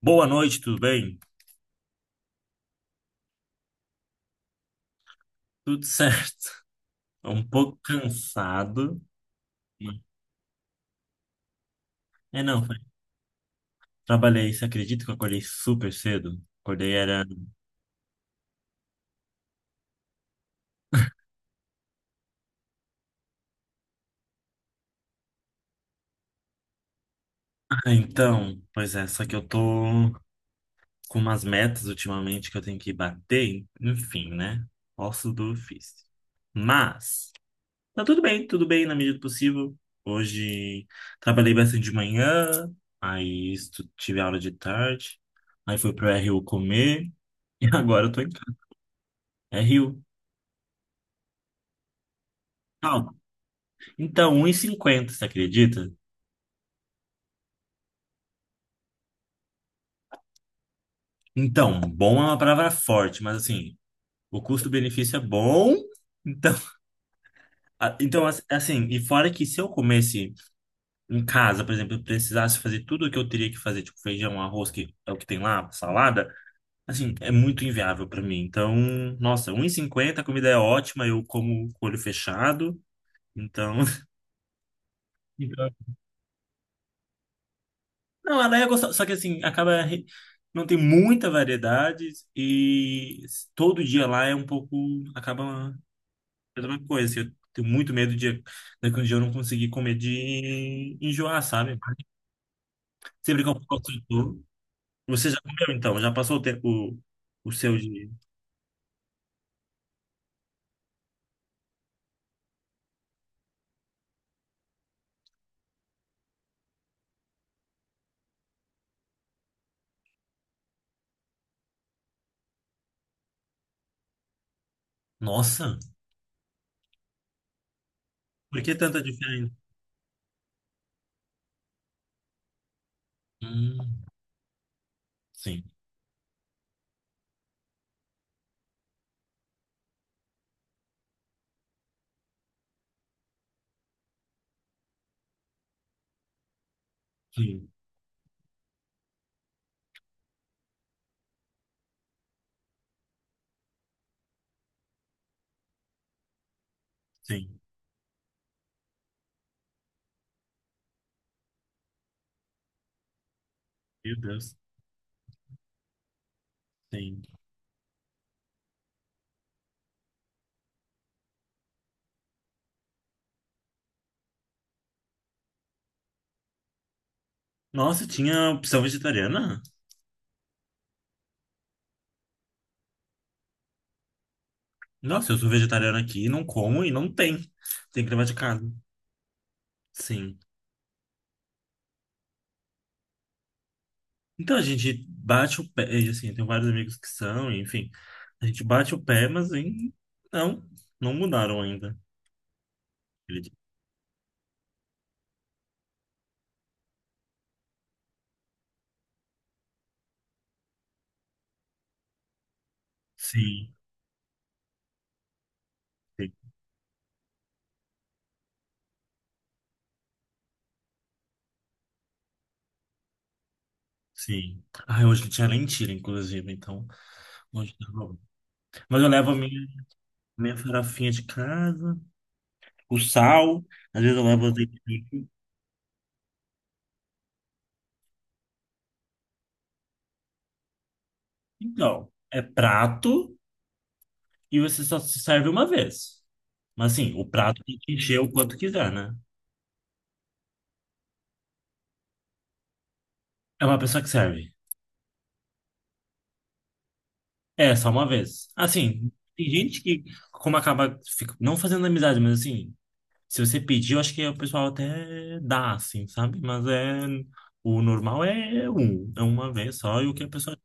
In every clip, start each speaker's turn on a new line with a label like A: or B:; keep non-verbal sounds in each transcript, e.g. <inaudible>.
A: Boa noite, tudo bem? Tudo certo. <laughs> Um pouco cansado. É, não, trabalhei. Você acredita que eu acordei super cedo? Acordei era. Pois é, só que eu tô com umas metas ultimamente que eu tenho que bater. Enfim, né? Posso do ofício. Mas tá tudo bem na medida do possível. Hoje trabalhei bastante de manhã, aí tive aula de tarde, aí fui pro RU comer <laughs> e agora eu tô em casa. RU. Então, 1,50, você acredita? Então, bom é uma palavra forte, mas assim, o custo-benefício é bom. Então, <laughs> assim, e fora que se eu comesse em casa, por exemplo, eu precisasse fazer tudo o que eu teria que fazer, tipo feijão, arroz, que é o que tem lá, salada, assim, é muito inviável para mim. Então, nossa, um 1,50, a comida é ótima, eu como com o olho fechado. Então, <laughs> não, ela é gostosa, só que assim, não tem muita variedade e todo dia lá é um pouco, acaba a mesma coisa. Assim, eu tenho muito medo de daqui um dia eu não conseguir comer, de enjoar, sabe? Sempre que eu faço tudo. Você já comeu então? Já passou o tempo, o seu de. Nossa, por que tanta diferença? Hum, sim, sim, sim. Meu Deus, sim. Nossa, tinha opção vegetariana? Nossa, eu sou vegetariano aqui, não como e não tem. Tem que levar de casa. Sim. Então a gente bate o pé, e, assim, eu tenho vários amigos que são, enfim, a gente bate o pé, não, não mudaram ainda. Ele- sim, sim. Sim. Ai, hoje tinha lentilha, inclusive, então hoje tá bom. Mas eu levo a minha farofinha de casa, o sal, às vezes eu levo azeite. Então, é prato e você só se serve uma vez. Mas assim, o prato tem que encher o quanto quiser, né? É uma pessoa que serve. É, só uma vez. Assim, tem gente que, como acaba, não fazendo amizade, mas assim, se você pedir, eu acho que o pessoal até dá, assim, sabe? Mas é, o normal é um, é uma vez só, e o que a pessoa,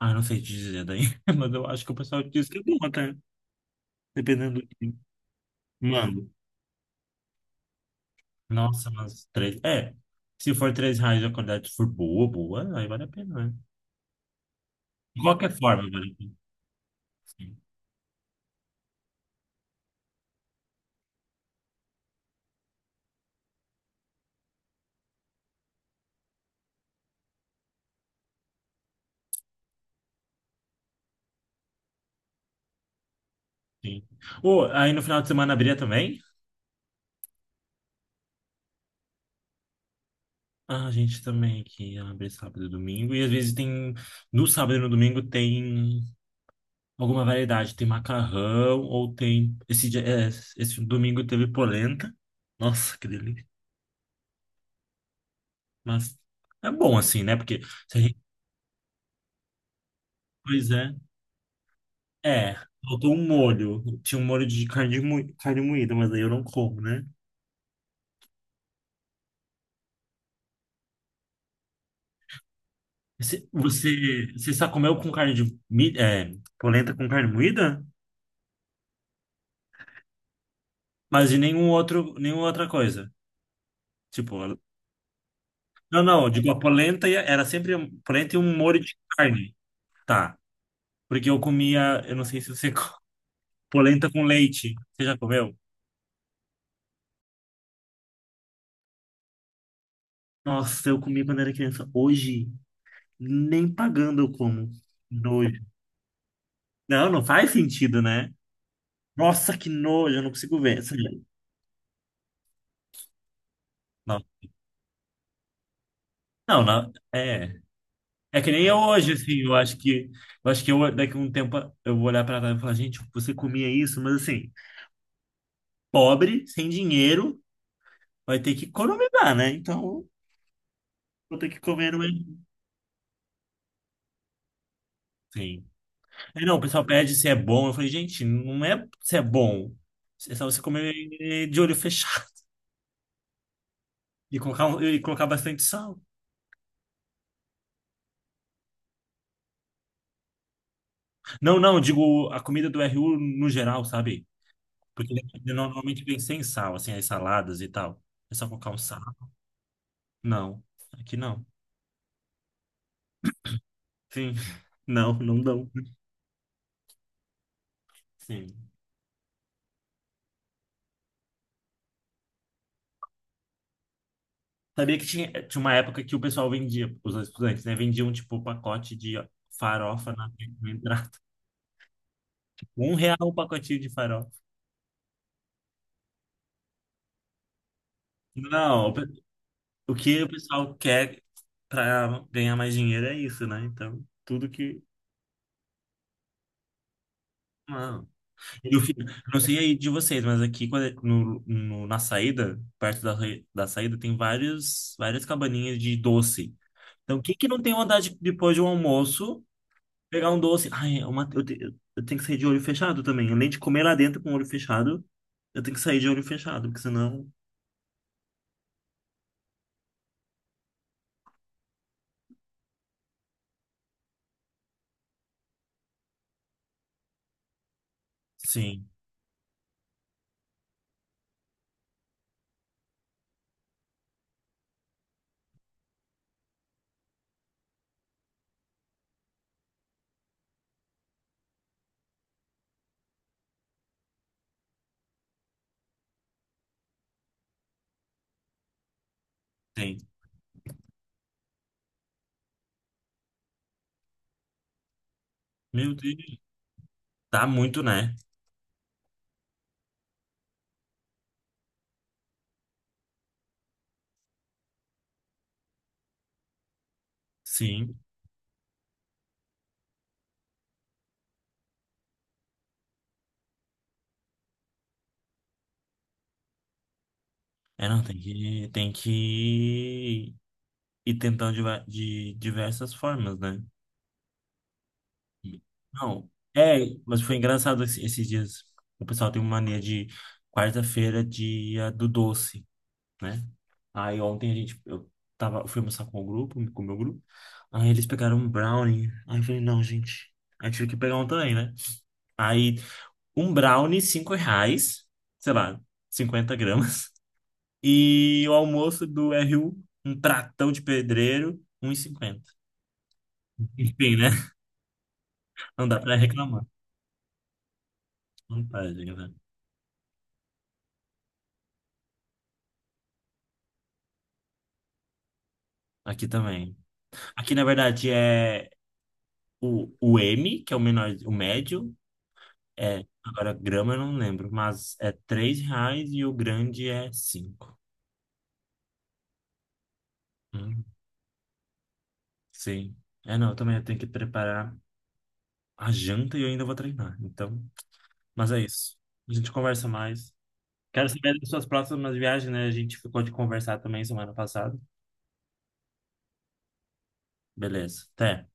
A: ah, não sei te dizer daí, <laughs> mas eu acho que o pessoal diz que é bom até, dependendo do que manda. Nossa, mas três, é, se for R$ 3 e a qualidade for boa, boa, aí vale a pena, né? De qualquer forma, vale a pena. Sim, sim. Ou, aí no final de semana abria também? Ah, a gente também que abre sábado e domingo. E às vezes tem, no sábado e no domingo tem alguma variedade. Tem macarrão ou tem. Esse, é, esse domingo teve polenta. Nossa, que delícia. Mas é bom assim, né? Porque se a gente. Pois é. É, faltou um molho. Tinha um molho de carne, carne moída, mas aí eu não como, né? Você só comeu com carne de. Mi- é, polenta com carne moída? Mas de nenhum outro, nenhuma outra coisa. Tipo, não, não, eu digo, era sempre polenta e um molho de carne, tá? Porque eu comia, eu não sei se você <laughs> polenta com leite. Você já comeu? Nossa, eu comi quando era criança. Hoje, nem pagando eu como. Nojo. Não, não faz sentido, né? Nossa, que nojo, eu não consigo ver, sabe? Não, não, é. É que nem eu hoje, assim, eu acho que eu, daqui a um tempo eu vou olhar pra trás e falar, gente, você comia isso, mas assim, pobre, sem dinheiro, vai ter que economizar, né? Então, vou ter que comer no menu. Sim. Aí, não, o pessoal pede se é bom. Eu falei, gente, não é se é bom. É só você comer de olho fechado <laughs> e colocar bastante sal. Não, não, eu digo a comida do RU no geral, sabe? Porque ele é, normalmente vem sem sal, assim, as saladas e tal. É só colocar um sal. Não, aqui não. Sim, <laughs> não, não dão. Sim. Sabia que tinha, tinha uma época que o pessoal vendia, os estudantes, né? Vendiam, tipo, pacote de farofa na entrada. R$ 1 o pacotinho de farofa. Não, o que o pessoal quer para ganhar mais dinheiro é isso, né? Então, tudo que. Não. E eu não sei aí de vocês, mas aqui quando na saída, perto da, da saída, tem várias cabaninhas de doce. Então, quem que não tem vontade de, depois de um almoço pegar um doce? Ai, é uma, eu tenho que sair de olho fechado também. Além de comer lá dentro com o olho fechado, eu tenho que sair de olho fechado, porque senão. Sim, tem. Meu Deus. Dá muito, né? Sim. É, não, tem que ir tentando de, de diversas formas, né? Não, é, mas foi engraçado esses dias. O pessoal tem uma mania de quarta-feira, dia do doce, né? Aí ontem eu tava, eu fui almoçar com o grupo, com o meu grupo. Aí eles pegaram um brownie. Aí eu falei, não, gente, a gente tive que pegar um também, né? Aí um brownie, R$ 5, sei lá, 50 gramas. E o almoço do RU, um pratão de pedreiro, 1,50. Enfim, né? Não dá pra reclamar. Não pode, né? Aqui também. Aqui, na verdade, é o M, que é o menor, o médio. É, agora, grama eu não lembro, mas é R$ 3 e o grande é cinco. Hum, sim. É, não, eu também tenho que preparar a janta e eu ainda vou treinar. Então, mas é isso. A gente conversa mais. Quero saber das suas próximas viagens, né? A gente ficou de conversar também semana passada. Beleza, até.